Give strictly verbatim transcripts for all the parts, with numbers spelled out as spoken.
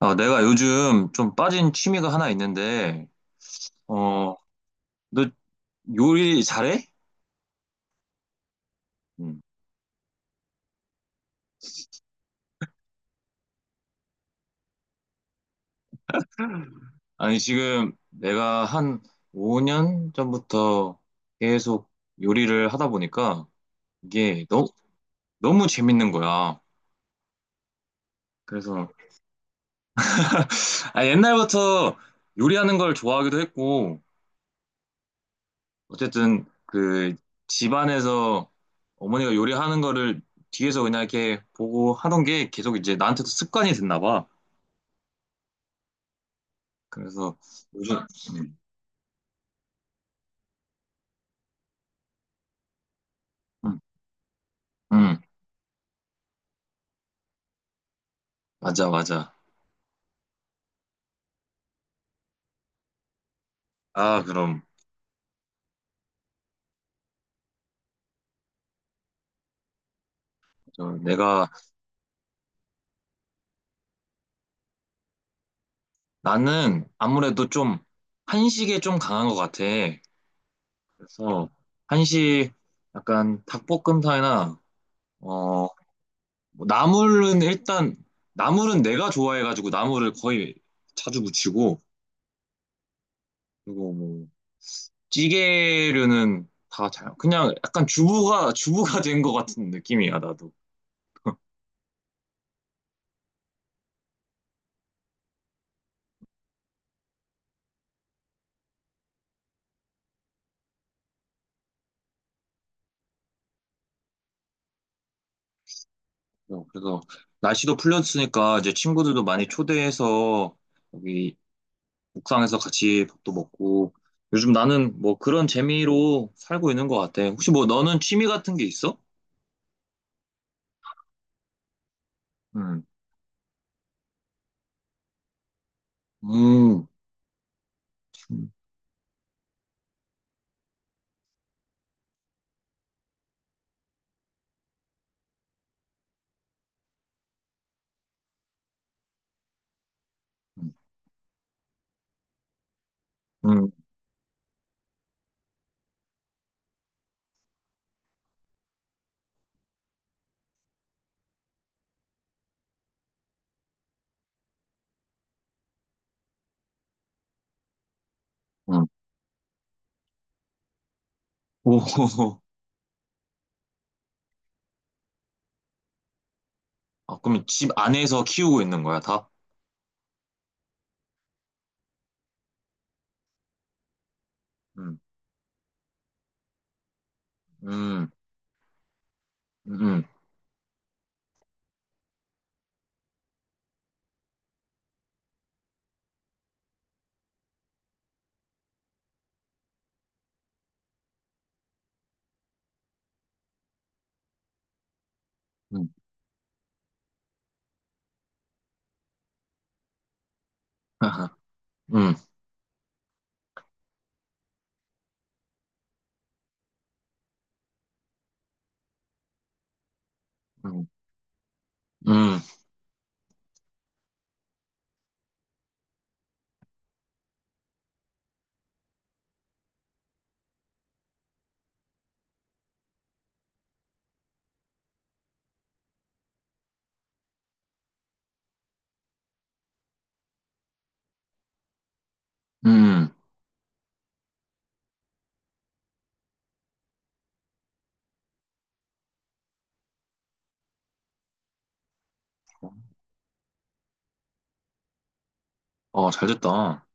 아, 내가 요즘 좀 빠진 취미가 하나 있는데, 어, 너 요리 잘해? 음. 아니, 지금 내가 한 오 년 전부터 계속 요리를 하다 보니까 이게 너무, 너무 재밌는 거야. 그래서, 아, 옛날부터 요리하는 걸 좋아하기도 했고, 어쨌든 그 집안에서 어머니가 요리하는 거를 뒤에서 그냥 이렇게 보고 하던 게 계속 이제 나한테도 습관이 됐나 봐. 그래서 요즘 음, 음, 음, 맞아 맞아. 아 그럼 저 내가 나는 아무래도 좀 한식에 좀 강한 것 같아. 그래서 한식 약간 닭볶음탕이나 어뭐 나물은 일단 나물은 내가 좋아해가지고 나물을 거의 자주 무치고 그리고 뭐 찌개류는 다 잘 그냥 약간 주부가 주부가 된 것 같은 느낌이야 나도. 그래서 그래서 날씨도 풀렸으니까 이제 친구들도 많이 초대해서 여기 옥상에서 같이 밥도 먹고 요즘 나는 뭐 그런 재미로 살고 있는 것 같아. 혹시 뭐 너는 취미 같은 게 있어? 음, 음, 음, 음, 음. 오, 아, 그럼 집 안에서 키우고 있는 거야, 다? 음, 음, 음, 음, 음, 음, 음, 음. 어, 잘 됐다.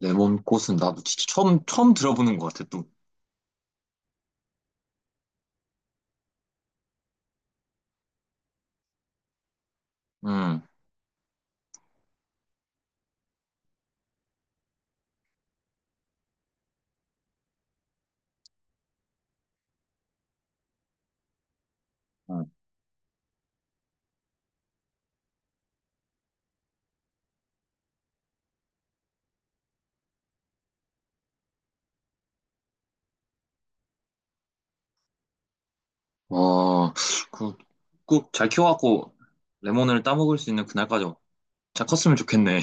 레몬 꽃은 나도 진짜 처음, 처음 들어보는 것 같아, 또. 음. 음. 와, 그, 꼭 잘 키워갖고 레몬을 따먹을 수 있는 그날까지 잘 컸으면 좋겠네.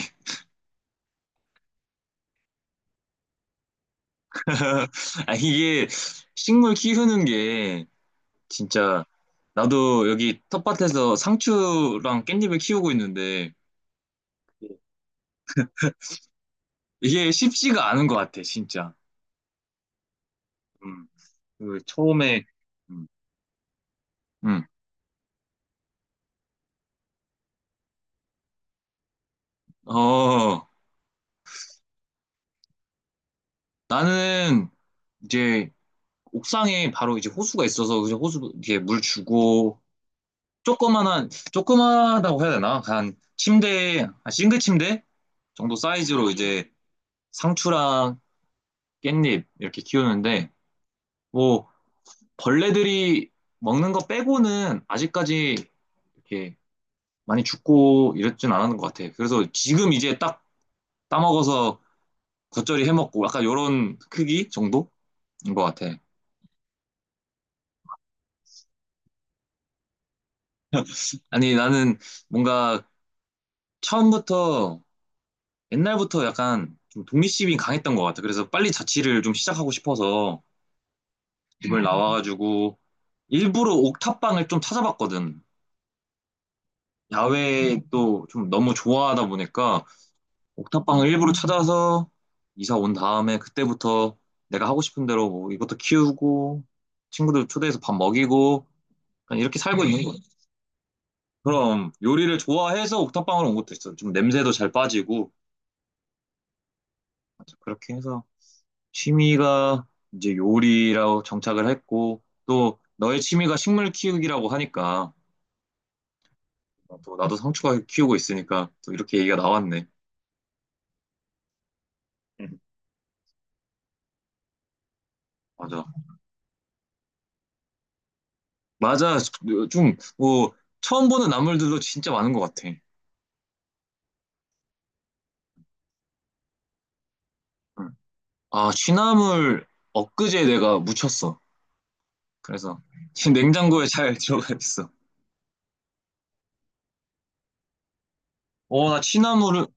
아, 이게 식물 키우는 게 진짜 나도 여기 텃밭에서 상추랑 깻잎을 키우고 있는데 이게 쉽지가 않은 것 같아, 진짜. 음, 그 처음에, 음, 음. 어, 나는 이제 옥상에 바로 이제 호수가 있어서 이제 호수 이렇게 물 주고 조그만한 조그만하다고 해야 되나? 한 침대 한 싱글 침대 정도 사이즈로 이제 상추랑 깻잎 이렇게 키우는데 뭐 벌레들이 먹는 거 빼고는 아직까지 이렇게 많이 죽고 이랬진 않았는 것 같아. 그래서 지금 이제 딱 따먹어서 겉절이 해먹고 약간 요런 크기 정도인 것 같아. 아니 나는 뭔가 처음부터 옛날부터 약간 좀 독립심이 강했던 것 같아. 그래서 빨리 자취를 좀 시작하고 싶어서 이번에 나와가지고 일부러 옥탑방을 좀 찾아봤거든. 야외 음. 또좀 너무 좋아하다 보니까 옥탑방을 일부러 찾아서 이사 온 다음에 그때부터 내가 하고 싶은 대로 뭐 이것도 키우고 친구들 초대해서 밥 먹이고 그냥 이렇게 살고 있는 거지. 그럼 요리를 좋아해서 옥탑방으로 온 것도 있어. 좀 냄새도 잘 빠지고 맞아, 그렇게 해서 취미가 이제 요리라고 정착을 했고 또 너의 취미가 식물 키우기라고 하니까 어, 또 나도 상추가 키우고 있으니까 또 이렇게 얘기가 나왔네. 음, 맞아. 맞아. 좀, 뭐, 처음 보는 나물들도 진짜 많은 것 같아. 응. 아, 취나물 엊그제 내가 묻혔어. 그래서 지금 냉장고에 잘 들어가 있어. 어, 나 취나물을,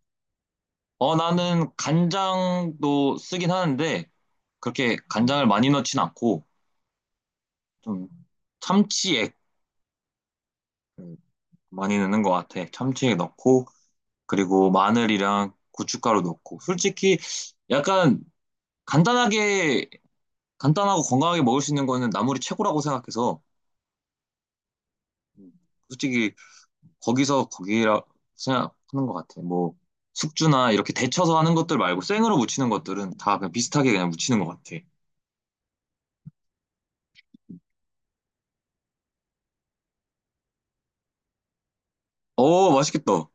어, 나는 간장도 쓰긴 하는데, 그렇게 간장을 많이 넣진 않고, 좀 참치액 음, 많이 넣는 것 같아. 참치액 넣고, 그리고 마늘이랑 고춧가루 넣고. 솔직히 약간 간단하게 간단하고 건강하게 먹을 수 있는 거는 나물이 최고라고 생각해서 솔직히 거기서 거기라 생각하는 것 같아. 뭐 숙주나 이렇게 데쳐서 하는 것들 말고 생으로 무치는 것들은 다 그냥 비슷하게 그냥 무치는 것 같아. 어 맛있겠다.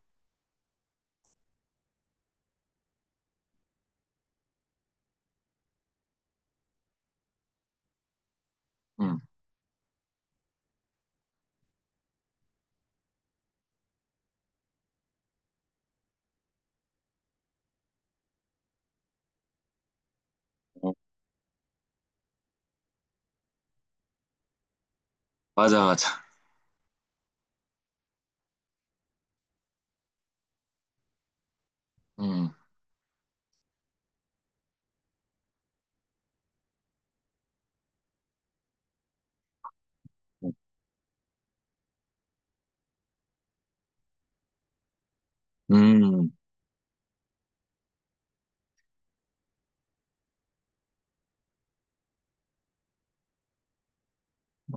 응. 어, 맞아 맞아. 응. 음.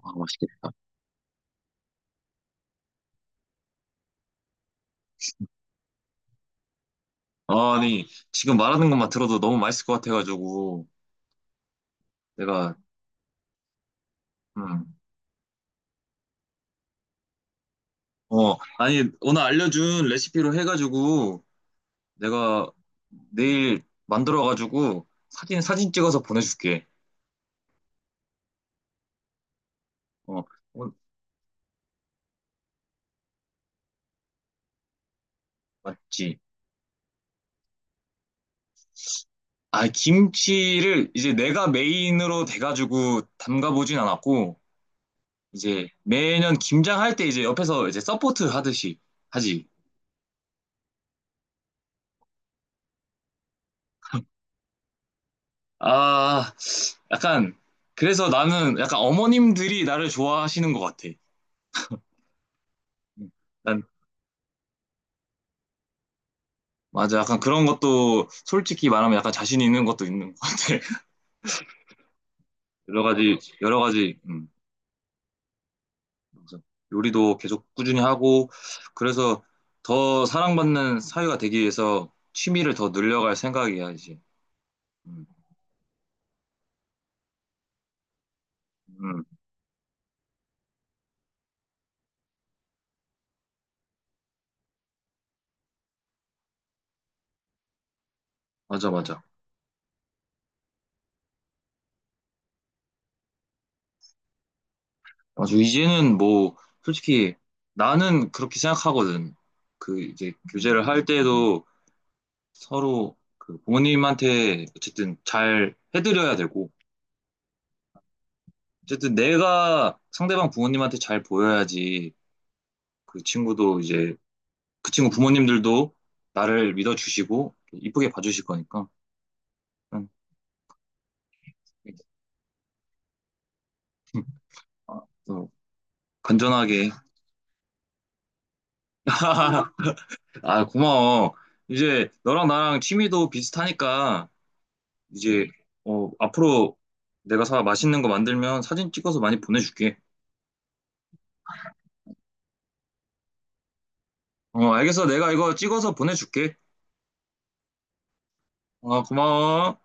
아 맛있겠다. 아니 지금 말하는 것만 들어도 너무 맛있을 것 같아가지고 내가 음. 어 아니 오늘 알려준 레시피로 해가지고 내가 내일 만들어가지고 사진, 사진 찍어서 보내줄게. 어, 어, 맞지. 아, 김치를 이제 내가 메인으로 돼가지고 담가보진 않았고, 이제 매년 김장할 때 이제 옆에서 이제 서포트 하듯이 하지. 아, 약간, 그래서 나는 약간 어머님들이 나를 좋아하시는 것 같아. 난, 맞아. 약간 그런 것도 솔직히 말하면 약간 자신 있는 것도 있는 것 같아. 여러 가지, 여러 가지. 음. 그래서 요리도 계속 꾸준히 하고 그래서 더 사랑받는 사회가 되기 위해서 취미를 더 늘려갈 생각이야 이제. 음, 음, 맞아 맞아. 맞아 이제는 뭐 솔직히 나는 그렇게 생각하거든. 그 이제 교제를 할 때도 서로 그 부모님한테 어쨌든 잘 해드려야 되고 어쨌든 내가 상대방 부모님한테 잘 보여야지 그 친구도 이제 그 친구 부모님들도 나를 믿어주시고 이쁘게 봐주실 거니까. 응. 아, 또 건전하게. 아, 고마워. 이제 너랑 나랑 취미도 비슷하니까 이제 어, 앞으로 내가 사 맛있는 거 만들면 사진 찍어서 많이 보내줄게. 어, 알겠어. 내가 이거 찍어서 보내줄게. 어, 고마워.